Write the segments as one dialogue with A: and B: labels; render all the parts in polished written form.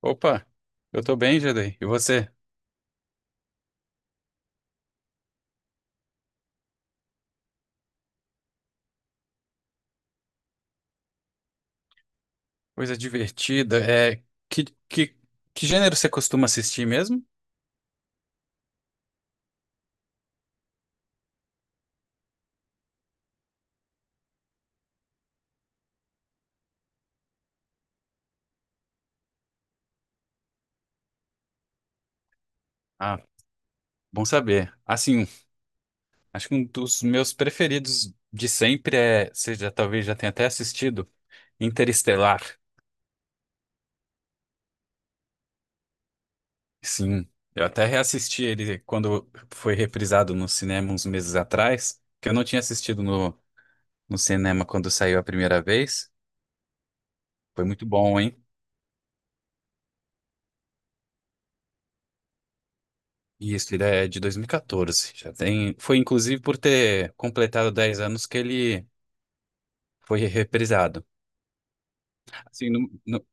A: Opa, eu tô bem, Jadei. E você? Coisa divertida. É, que, que, que gênero você costuma assistir mesmo? Ah, bom saber. Assim, acho que um dos meus preferidos de sempre é, você já talvez já tenha até assistido, Interestelar. Sim, eu até reassisti ele quando foi reprisado no cinema uns meses atrás, que eu não tinha assistido no cinema quando saiu a primeira vez. Foi muito bom, hein? Isso, ele é de 2014. Já tem. Foi inclusive por ter completado 10 anos que ele foi reprisado. Assim,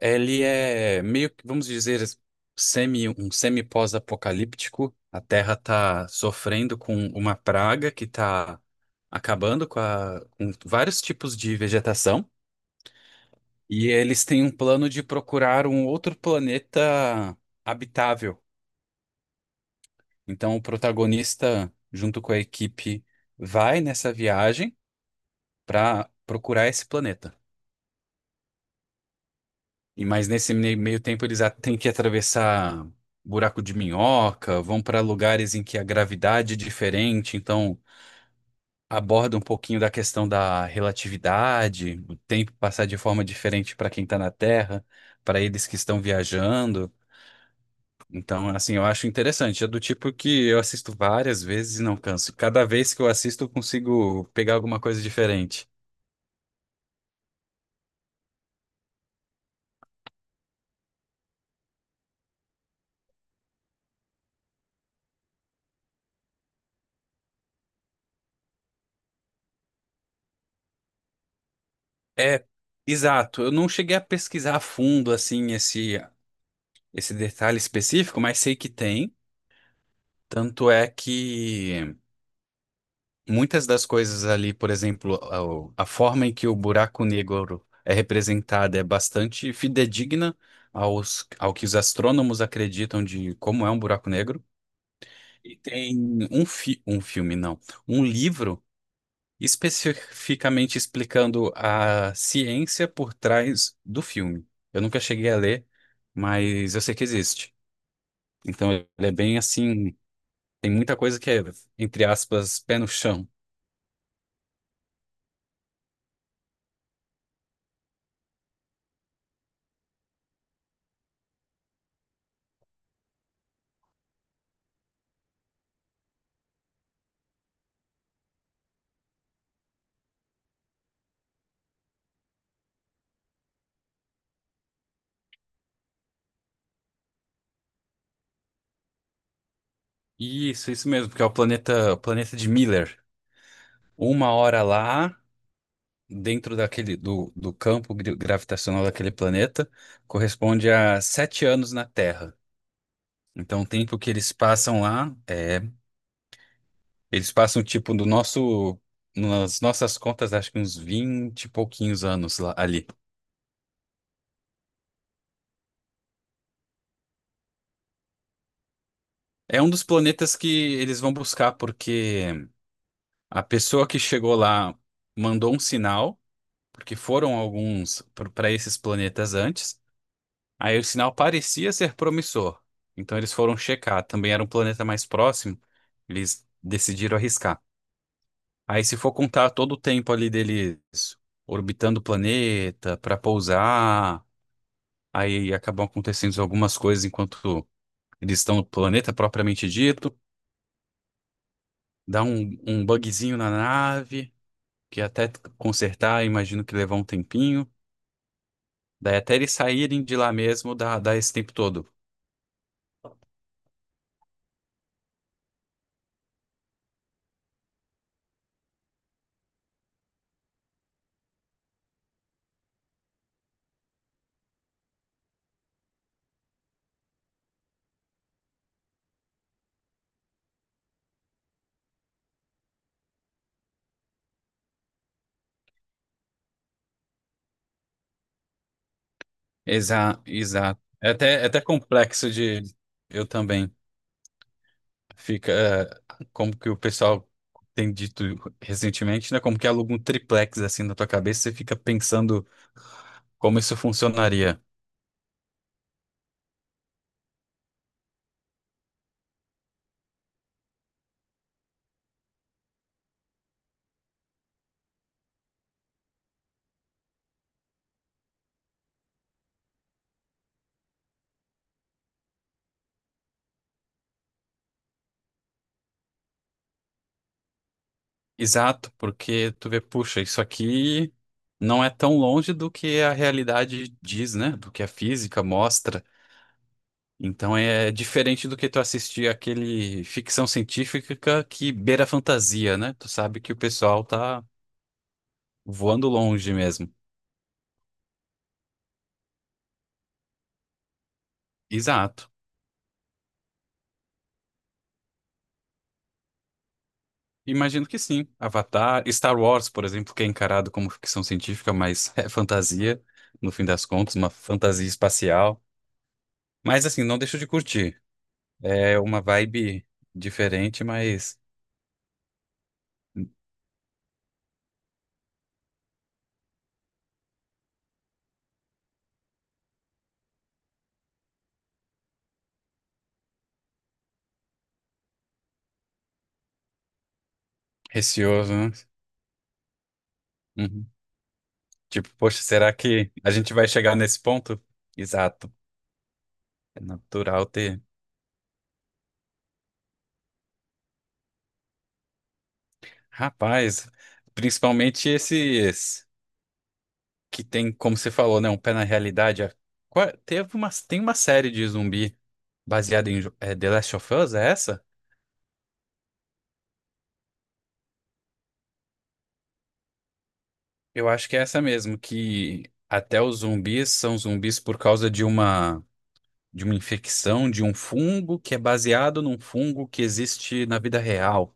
A: ele é meio que, vamos dizer, um semi-pós-apocalíptico. A Terra está sofrendo com uma praga que está acabando com vários tipos de vegetação. E eles têm um plano de procurar um outro planeta habitável. Então, o protagonista, junto com a equipe vai nessa viagem para procurar esse planeta. E mas nesse meio tempo eles têm que atravessar buraco de minhoca, vão para lugares em que a gravidade é diferente, então aborda um pouquinho da questão da relatividade, o tempo passar de forma diferente para quem está na Terra, para eles que estão viajando. Então, assim, eu acho interessante. É do tipo que eu assisto várias vezes e não canso. Cada vez que eu assisto, eu consigo pegar alguma coisa diferente. É, exato. Eu não cheguei a pesquisar a fundo assim esse detalhe específico, mas sei que tem. Tanto é que muitas das coisas ali, por exemplo, a forma em que o buraco negro é representado é bastante fidedigna ao que os astrônomos acreditam de como é um buraco negro. E tem um filme, não, um livro especificamente explicando a ciência por trás do filme. Eu nunca cheguei a ler, mas eu sei que existe. Então ele é bem assim, tem muita coisa que é, entre aspas, pé no chão. Isso mesmo, porque é o planeta de Miller. Uma hora lá, dentro daquele do campo gravitacional daquele planeta, corresponde a 7 anos na Terra. Então, o tempo que eles passam lá é. Eles passam, tipo, nas nossas contas, acho que uns 20 e pouquinhos anos lá, ali. É um dos planetas que eles vão buscar, porque a pessoa que chegou lá mandou um sinal, porque foram alguns para esses planetas antes. Aí o sinal parecia ser promissor. Então eles foram checar. Também era um planeta mais próximo. Eles decidiram arriscar. Aí, se for contar todo o tempo ali deles orbitando o planeta para pousar aí acabam acontecendo algumas coisas enquanto eles estão no planeta propriamente dito, dá um bugzinho na nave, que até consertar, imagino que levar um tempinho, daí até eles saírem de lá mesmo dá, esse tempo todo. Exato, exato. É até complexo de. Eu também. Fica, como que o pessoal tem dito recentemente, né? Como que aluga um triplex assim na tua cabeça, você fica pensando como isso funcionaria. Exato, porque tu vê, puxa, isso aqui não é tão longe do que a realidade diz, né? Do que a física mostra. Então é diferente do que tu assistir aquele ficção científica que beira a fantasia, né? Tu sabe que o pessoal tá voando longe mesmo. Exato. Imagino que sim. Avatar, Star Wars, por exemplo, que é encarado como ficção científica, mas é fantasia, no fim das contas, uma fantasia espacial. Mas assim, não deixo de curtir. É uma vibe diferente, mas receoso, né? Uhum. Tipo, poxa, será que a gente vai chegar nesse ponto? Exato. É natural ter. Rapaz, principalmente esses que tem, como você falou, né? Um pé na realidade. É, tem uma série de zumbi baseada em The Last of Us, é essa? Eu acho que é essa mesmo, que até os zumbis são zumbis por causa de uma infecção, de um fungo que é baseado num fungo que existe na vida real.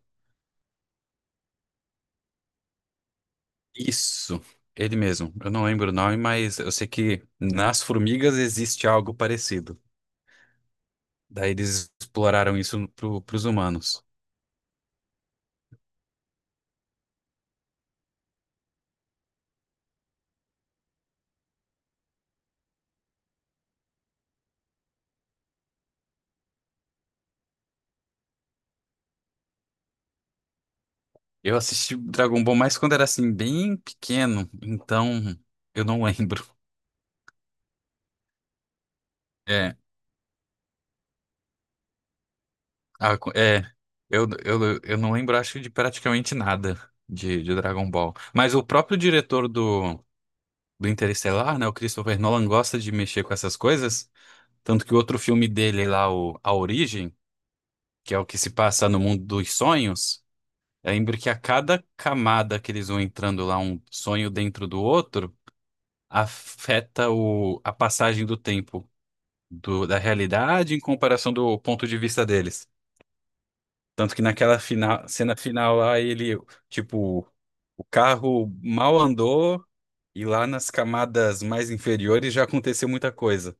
A: Isso, ele mesmo. Eu não lembro o nome, mas eu sei que nas formigas existe algo parecido. Daí eles exploraram isso para os humanos. Eu assisti Dragon Ball mais quando era assim, bem pequeno, então eu não lembro. É, a- é eu não lembro, acho, de praticamente nada de Dragon Ball. Mas o próprio diretor do Interestelar, né? O Christopher Nolan gosta de mexer com essas coisas. Tanto que o outro filme dele lá, o A Origem, que é o que se passa no mundo dos sonhos, eu lembro que a cada camada que eles vão entrando lá, um sonho dentro do outro, afeta a passagem do tempo da realidade em comparação do ponto de vista deles. Tanto que cena final lá, ele, tipo, o carro mal andou e lá nas camadas mais inferiores já aconteceu muita coisa.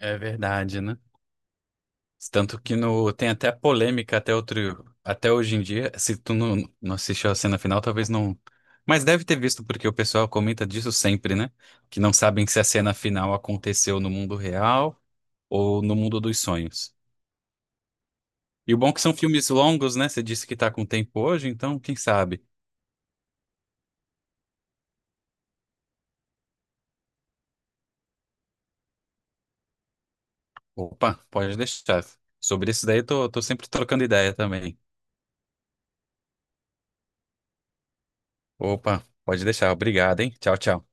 A: É verdade, né? Tanto que no, tem até polêmica até hoje em dia. Se tu não assistiu a cena final, talvez não. Mas deve ter visto, porque o pessoal comenta disso sempre, né? Que não sabem se a cena final aconteceu no mundo real ou no mundo dos sonhos. E o bom é que são filmes longos, né? Você disse que tá com tempo hoje, então quem sabe? Opa, pode deixar. Sobre isso daí, eu tô sempre trocando ideia também. Opa, pode deixar. Obrigado, hein? Tchau, tchau.